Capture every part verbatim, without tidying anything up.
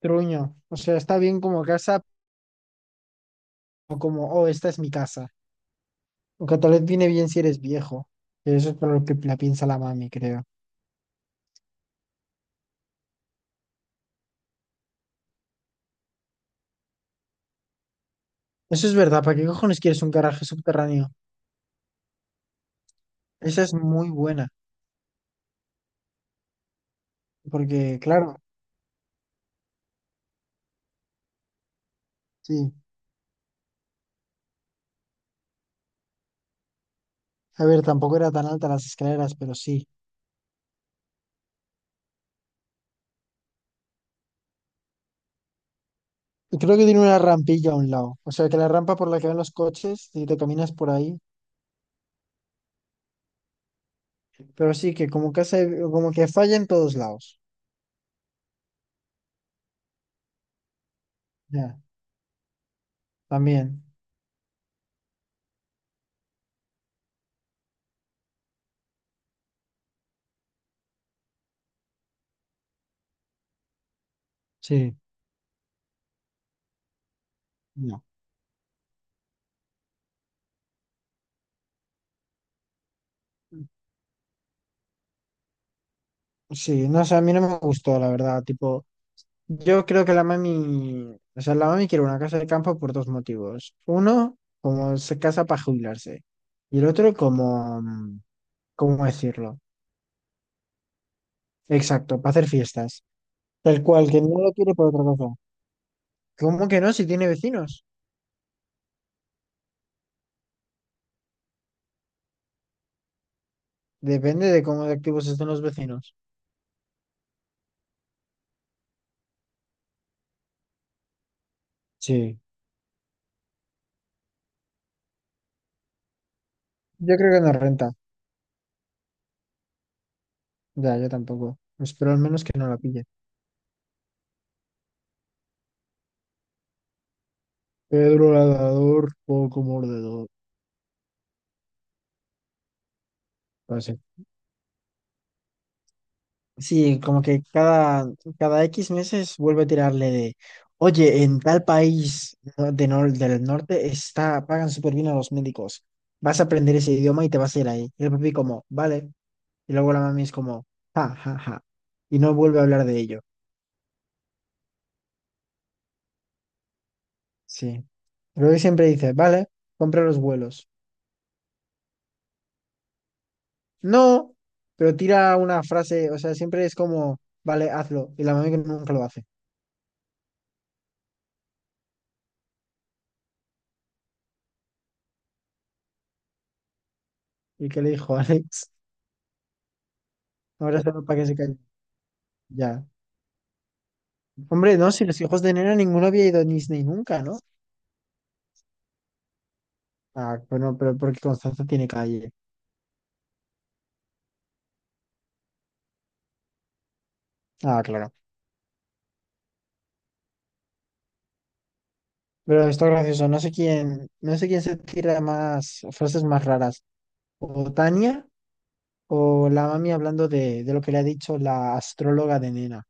Truño. O sea, está bien como casa o como, oh, esta es mi casa. Aunque tal vez viene bien si eres viejo. Que eso es por lo que la piensa la mami, creo. Eso es verdad. ¿Para qué cojones quieres un garaje subterráneo? Esa es muy buena. Porque, claro, sí. A ver, tampoco era tan alta las escaleras, pero sí. Y creo que tiene una rampilla a un lado. O sea, que la rampa por la que van los coches, si te caminas por ahí. Pero sí, que como casa, como que falla en todos lados. Ya, también. Sí. No. Sí, no sé, a mí no me gustó, la verdad. Tipo, yo creo que la mami, o sea, la mami quiere una casa de campo por dos motivos. Uno, como se casa para jubilarse. Y el otro, como, mm, ¿cómo decirlo? Exacto, para hacer fiestas. Tal cual, que no lo quiere por otra cosa. ¿Cómo que no? Si tiene vecinos. Depende de cómo de activos estén los vecinos. Sí. Yo creo que no renta. Ya, yo tampoco. Espero al menos que no la pille. Pedro Ladrador, poco mordedor. Sí, como que cada, cada X meses vuelve a tirarle de, oye, en tal país no- de nor- del norte está, pagan súper bien a los médicos. Vas a aprender ese idioma y te vas a ir ahí. Y el papi como, vale. Y luego la mami es como, ja, ja, ja. Y no vuelve a hablar de ello. Sí. Pero él siempre dice, vale, compra los vuelos. No, pero tira una frase, o sea, siempre es como, vale, hazlo. Y la mami que nunca lo hace. Y qué le dijo, Alex, ahora solo para que se calle. Ya. Hombre, no, si los hijos de Nena ninguno había ido a Disney nunca, ¿no? Ah, bueno, pero porque Constanza tiene calle. Ah, claro. Pero esto es gracioso, no sé quién, no sé quién se tira más frases más raras. O Tania o la mami hablando de, de lo que le ha dicho la astróloga de Nena.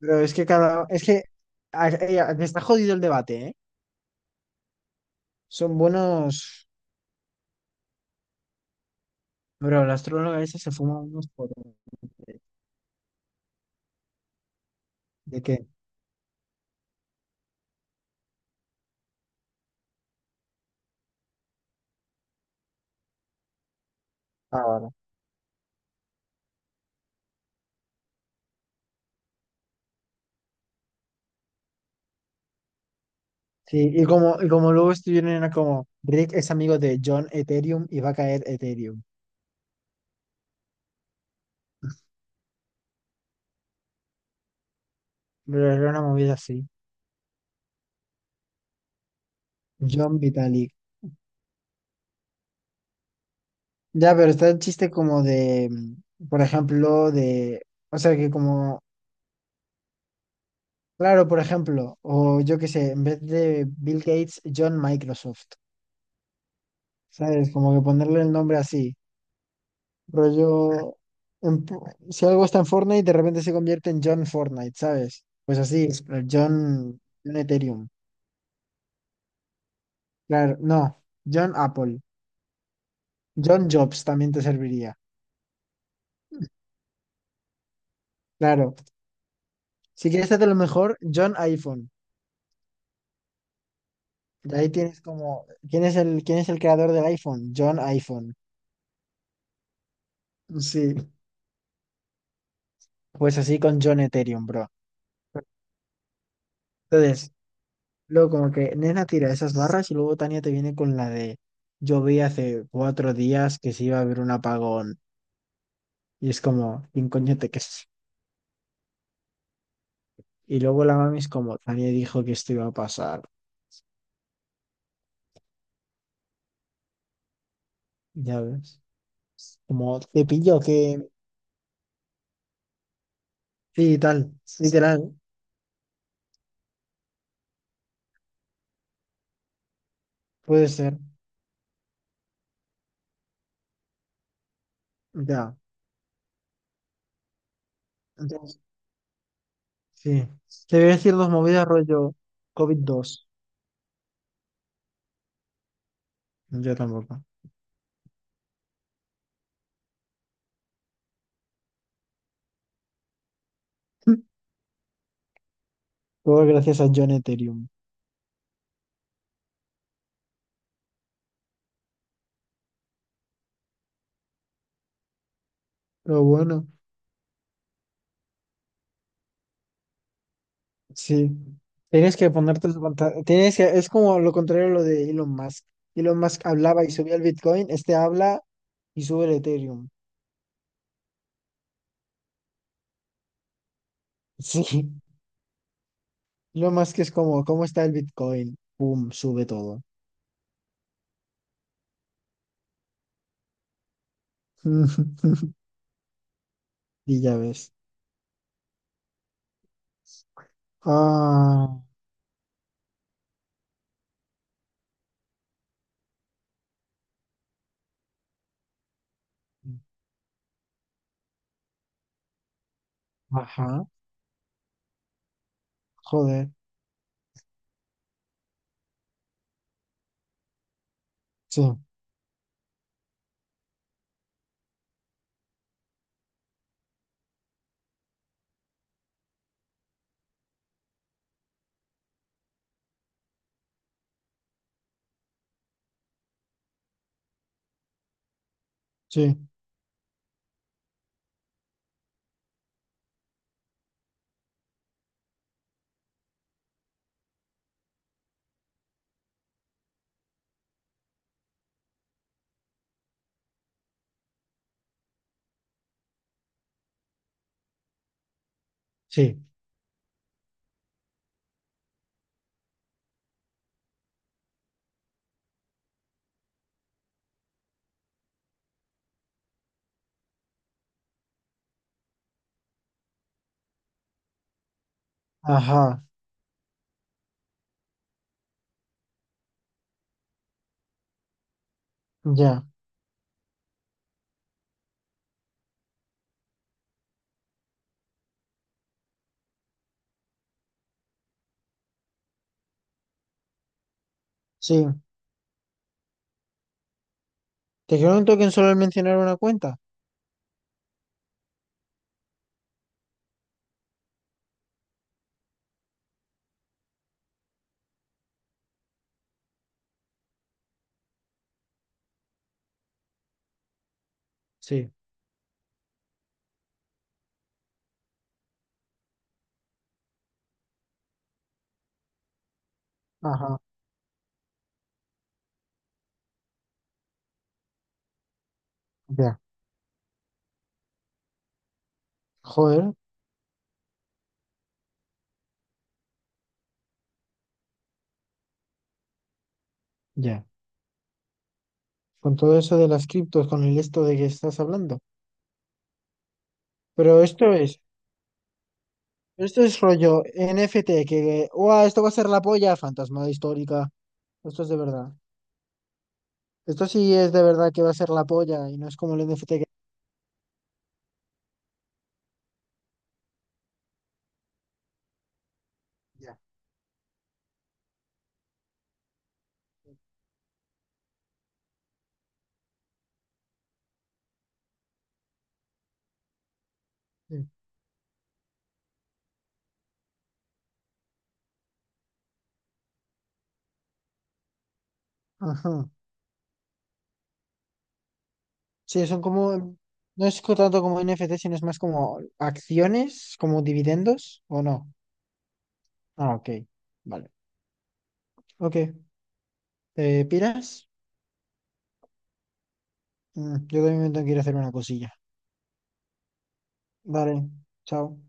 Pero es que cada, es que a- ella- me está jodido el debate, ¿eh? Son buenos. Bro, la astróloga esa se fuma unos por... ¿De qué? Ahora. Sí, y como, y como luego estuvieron era como Rick es amigo de John Ethereum y va a caer Ethereum. Pero era una movida así. John Vitalik. Ya, pero está el chiste como de, mm, por ejemplo, de, o sea que como, claro, por ejemplo, o yo qué sé, en vez de Bill Gates, John Microsoft. ¿Sabes? Como que ponerle el nombre así. Rollo, en po- si algo está en Fortnite, de repente se convierte en John Fortnite, ¿sabes? Pues así, John, John Ethereum. Claro, no, John Apple. John Jobs también te serviría. Claro, si quieres hacer lo mejor, John iPhone. De ahí tienes como, ¿quién es el, ¿quién es el creador del iPhone? John iPhone. Sí, pues así con John Ethereum, bro. Entonces, luego como que Nena tira esas barras y luego Tania te viene con la de, yo vi hace cuatro días que se iba a haber un apagón. Y es como, ¿quién coño te crees? Y luego la mami es como, Tania dijo que esto iba a pasar. Ya ves. Como, te pillo que sí, tal, literal, puede ser. Ya, entonces, sí. Te voy a decir dos movidas rollo covid dos. Yo tampoco. Todo gracias a John Ethereum. Pero bueno, sí. Tienes que ponerte su pantalón. Tienes que, es como lo contrario a lo de Elon Musk. Elon Musk hablaba y subía el Bitcoin, este habla y sube el Ethereum. Sí. Elon Musk es como, ¿cómo está el Bitcoin? Pum, sube todo. Y ya ves. Ah, ajá. Joder, sí, sí, sí. Ajá, ya, sí. ¿Te quedó un token solo al mencionar una cuenta? Sí, ajá, ya. Joder, ya. Con todo eso de las criptos, con el esto de que estás hablando. Pero esto es, esto es rollo N F T, que, ¡guau! Esto va a ser la polla, fantasma histórica. Esto es de verdad. Esto sí es de verdad que va a ser la polla y no es como el N F T que... Ya. Sí. Ajá. Sí, son como, no es co- tanto como N F T, sino es más como acciones, como dividendos, ¿o no? Ah, ok, vale. Ok, ¿te piras? Mm, Yo también me tengo que ir a hacer una cosilla. Vale, chao.